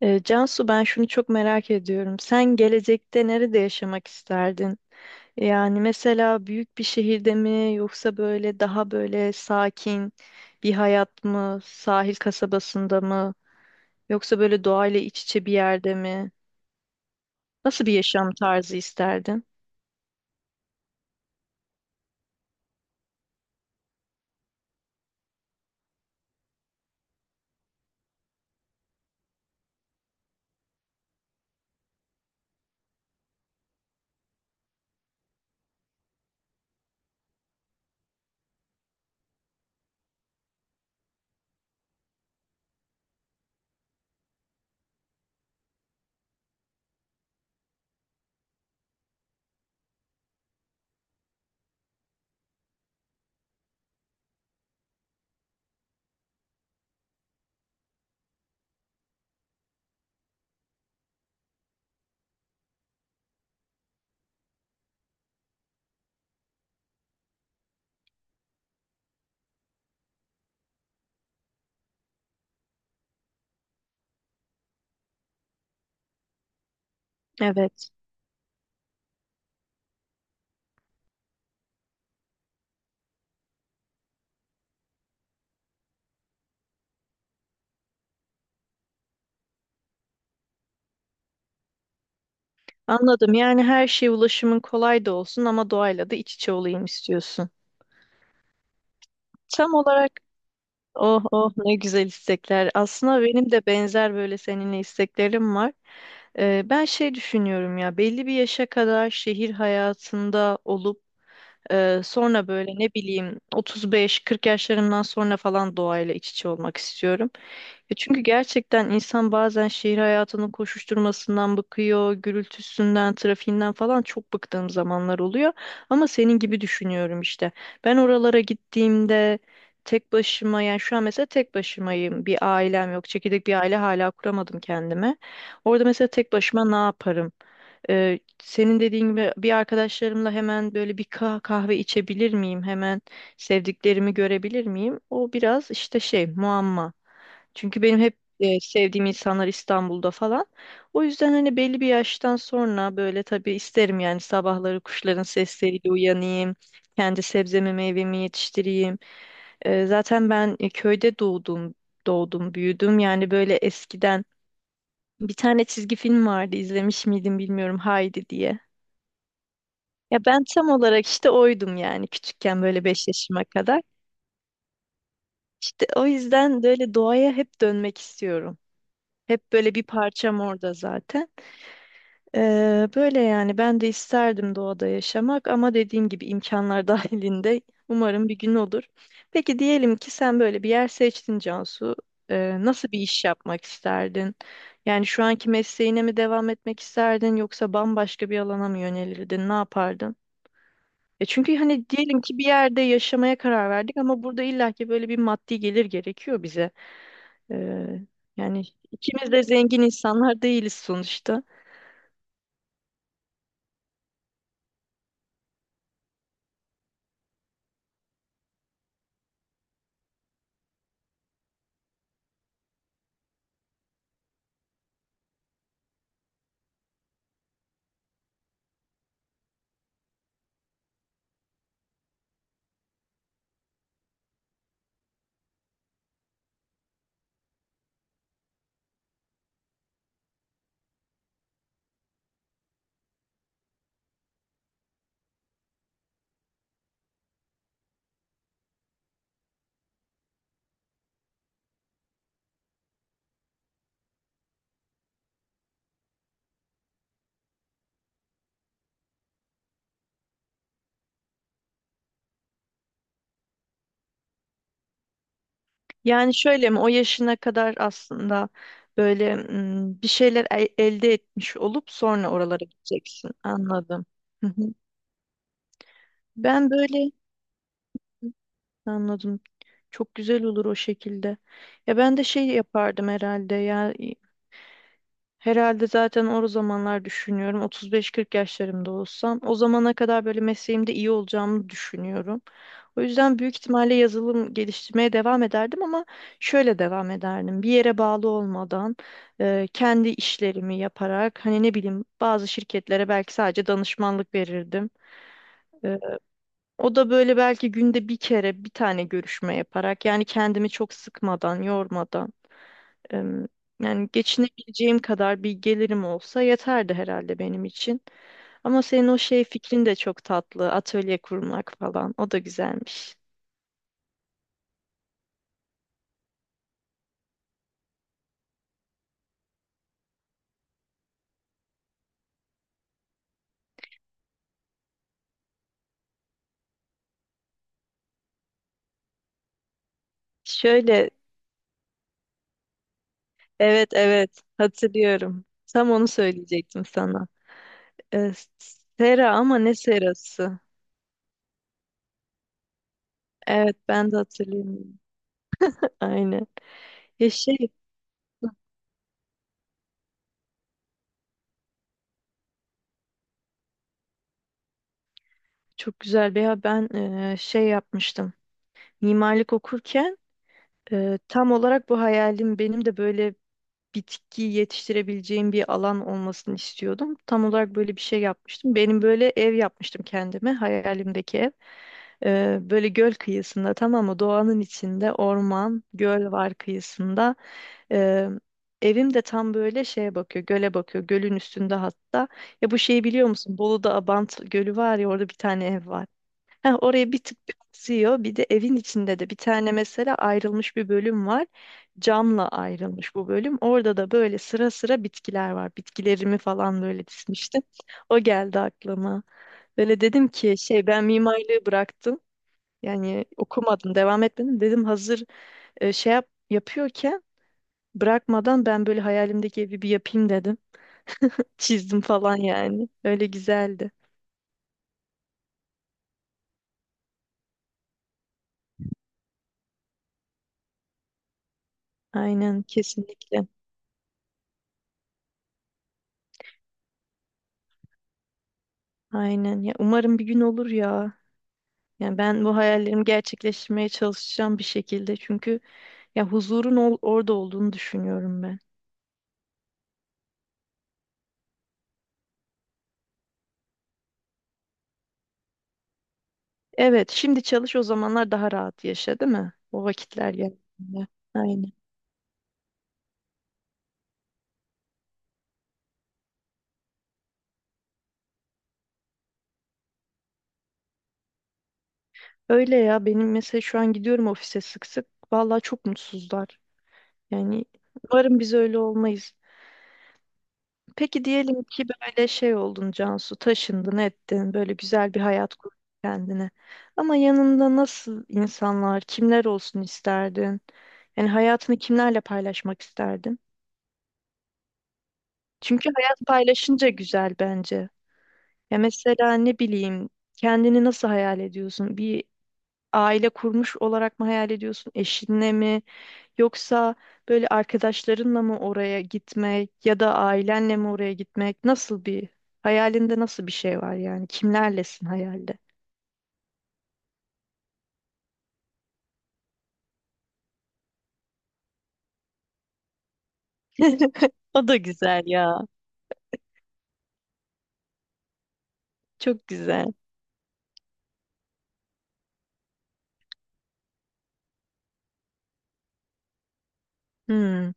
Cansu, ben şunu çok merak ediyorum. Sen gelecekte nerede yaşamak isterdin? Yani mesela büyük bir şehirde mi yoksa böyle daha böyle sakin bir hayat mı? Sahil kasabasında mı? Yoksa böyle doğayla iç içe bir yerde mi? Nasıl bir yaşam tarzı isterdin? Evet. Anladım. Yani her şey ulaşımın kolay da olsun ama doğayla da iç içe olayım istiyorsun. Tam olarak. Oh oh, ne güzel istekler. Aslında benim de benzer böyle seninle isteklerim var. Ben şey düşünüyorum ya, belli bir yaşa kadar şehir hayatında olup sonra böyle ne bileyim 35-40 yaşlarımdan sonra falan doğayla iç içe olmak istiyorum. Ya çünkü gerçekten insan bazen şehir hayatının koşuşturmasından bıkıyor, gürültüsünden, trafiğinden falan çok bıktığım zamanlar oluyor. Ama senin gibi düşünüyorum işte. Ben oralara gittiğimde tek başıma, yani şu an mesela tek başımayım. Bir ailem yok. Çekirdek bir aile hala kuramadım kendime. Orada mesela tek başıma ne yaparım? Senin dediğin gibi bir arkadaşlarımla hemen böyle bir kahve içebilir miyim? Hemen sevdiklerimi görebilir miyim? O biraz işte şey muamma. Çünkü benim hep sevdiğim insanlar İstanbul'da falan. O yüzden hani belli bir yaştan sonra böyle tabii isterim yani sabahları kuşların sesleriyle uyanayım. Kendi sebzemi meyvemi yetiştireyim. Zaten ben köyde doğdum, büyüdüm. Yani böyle eskiden bir tane çizgi film vardı, izlemiş miydim bilmiyorum, Haydi diye. Ya ben tam olarak işte oydum yani küçükken böyle 5 yaşıma kadar. İşte o yüzden böyle doğaya hep dönmek istiyorum. Hep böyle bir parçam orada zaten. Böyle yani ben de isterdim doğada yaşamak ama dediğim gibi imkanlar dahilinde umarım bir gün olur. Peki diyelim ki sen böyle bir yer seçtin Cansu. Nasıl bir iş yapmak isterdin? Yani şu anki mesleğine mi devam etmek isterdin yoksa bambaşka bir alana mı yönelirdin? Ne yapardın? Çünkü hani diyelim ki bir yerde yaşamaya karar verdik ama burada illaki böyle bir maddi gelir gerekiyor bize. Ee, Yani ikimiz de zengin insanlar değiliz sonuçta. Yani şöyle mi, o yaşına kadar aslında böyle bir şeyler elde etmiş olup sonra oralara gideceksin. Anladım. Hı hı. Ben böyle anladım. Çok güzel olur o şekilde. Ya ben de şey yapardım herhalde ya. Herhalde zaten o zamanlar düşünüyorum. 35-40 yaşlarımda olsam, o zamana kadar böyle mesleğimde iyi olacağımı düşünüyorum. O yüzden büyük ihtimalle yazılım geliştirmeye devam ederdim ama şöyle devam ederdim. Bir yere bağlı olmadan kendi işlerimi yaparak hani ne bileyim bazı şirketlere belki sadece danışmanlık verirdim. E, O da böyle belki günde bir kere bir tane görüşme yaparak, yani kendimi çok sıkmadan, yormadan. Em, Yani geçinebileceğim kadar bir gelirim olsa yeterdi herhalde benim için. Ama senin o şey fikrin de çok tatlı. Atölye kurmak falan. O da güzelmiş. Şöyle, evet, evet, hatırlıyorum. Tam onu söyleyecektim sana. Ee, Sera ama ne serası? Evet, ben de hatırlıyorum. Aynen. Ya şey çok güzel, veya ben şey yapmıştım. Mimarlık okurken tam olarak bu hayalim benim de böyle bitki yetiştirebileceğim bir alan olmasını istiyordum. Tam olarak böyle bir şey yapmıştım. Benim böyle ev yapmıştım kendime, hayalimdeki ev. Böyle göl kıyısında, tamam mı? Doğanın içinde, orman, göl var kıyısında. Ee, Evim de tam böyle şeye bakıyor, göle bakıyor. Gölün üstünde hatta. Ya bu şeyi biliyor musun? Bolu'da Abant Gölü var ya, orada bir tane ev var. Heh, oraya bir tık bir akıyor. Bir de evin içinde de bir tane mesela ayrılmış bir bölüm var. Camla ayrılmış bu bölüm. Orada da böyle sıra sıra bitkiler var. Bitkilerimi falan böyle dizmiştim. O geldi aklıma. Böyle dedim ki şey, ben mimarlığı bıraktım. Yani okumadım, devam etmedim. Dedim hazır şey yapıyorken bırakmadan ben böyle hayalimdeki evi bir yapayım dedim. Çizdim falan yani. Öyle güzeldi. Aynen, kesinlikle. Aynen ya, umarım bir gün olur ya. Yani ben bu hayallerimi gerçekleştirmeye çalışacağım bir şekilde. Çünkü ya huzurun orada olduğunu düşünüyorum ben. Evet, şimdi çalış o zamanlar daha rahat yaşa, değil mi? O vakitler geldiğinde. Aynen. Öyle ya, benim mesela şu an gidiyorum ofise sık sık. Vallahi çok mutsuzlar. Yani umarım biz öyle olmayız. Peki diyelim ki böyle şey oldun Cansu, taşındın ettin, böyle güzel bir hayat kurdun kendine. Ama yanında nasıl insanlar, kimler olsun isterdin? Yani hayatını kimlerle paylaşmak isterdin? Çünkü hayat paylaşınca güzel bence. Ya mesela ne bileyim, kendini nasıl hayal ediyorsun? Bir aile kurmuş olarak mı hayal ediyorsun? Eşinle mi? Yoksa böyle arkadaşlarınla mı oraya gitmek, ya da ailenle mi oraya gitmek? Nasıl bir hayalinde, nasıl bir şey var yani? Kimlerlesin hayalde? O da güzel ya. Çok güzel. Hmm,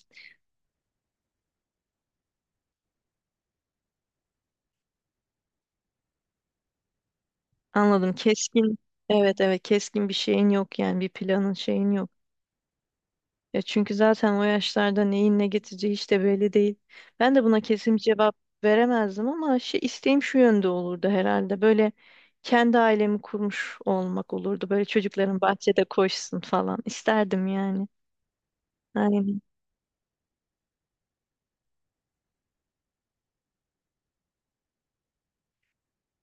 Anladım. Keskin. Evet, evet, keskin bir şeyin yok yani, bir planın şeyin yok. Ya çünkü zaten o yaşlarda neyin ne getireceği hiç de belli değil. Ben de buna kesin bir cevap veremezdim ama şey, isteğim şu yönde olurdu herhalde. Böyle kendi ailemi kurmuş olmak olurdu. Böyle çocukların bahçede koşsun falan isterdim yani. Aynen.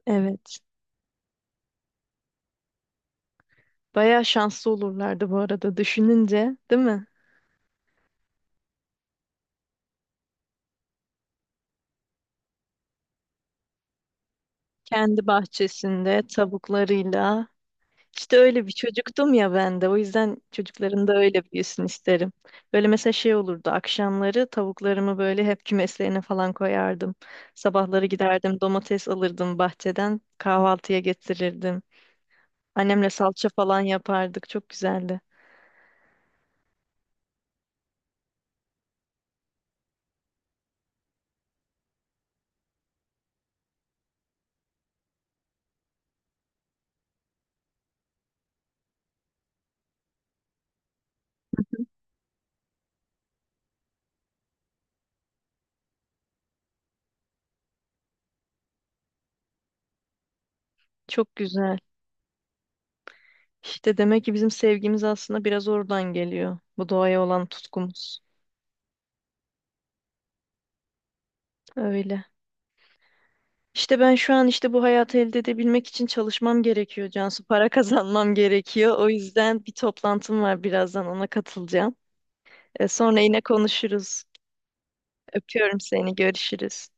Evet. Bayağı şanslı olurlardı bu arada düşününce, değil mi? Kendi bahçesinde tavuklarıyla. İşte öyle bir çocuktum ya ben de. O yüzden çocukların da öyle büyüsün isterim. Böyle mesela şey olurdu. Akşamları tavuklarımı böyle hep kümeslerine falan koyardım. Sabahları giderdim, domates alırdım bahçeden. Kahvaltıya getirirdim. Annemle salça falan yapardık. Çok güzeldi. Çok güzel. İşte demek ki bizim sevgimiz aslında biraz oradan geliyor. Bu doğaya olan tutkumuz. Öyle. İşte ben şu an işte bu hayatı elde edebilmek için çalışmam gerekiyor Cansu. Para kazanmam gerekiyor. O yüzden bir toplantım var, birazdan ona katılacağım. Sonra yine konuşuruz. Öpüyorum seni. Görüşürüz.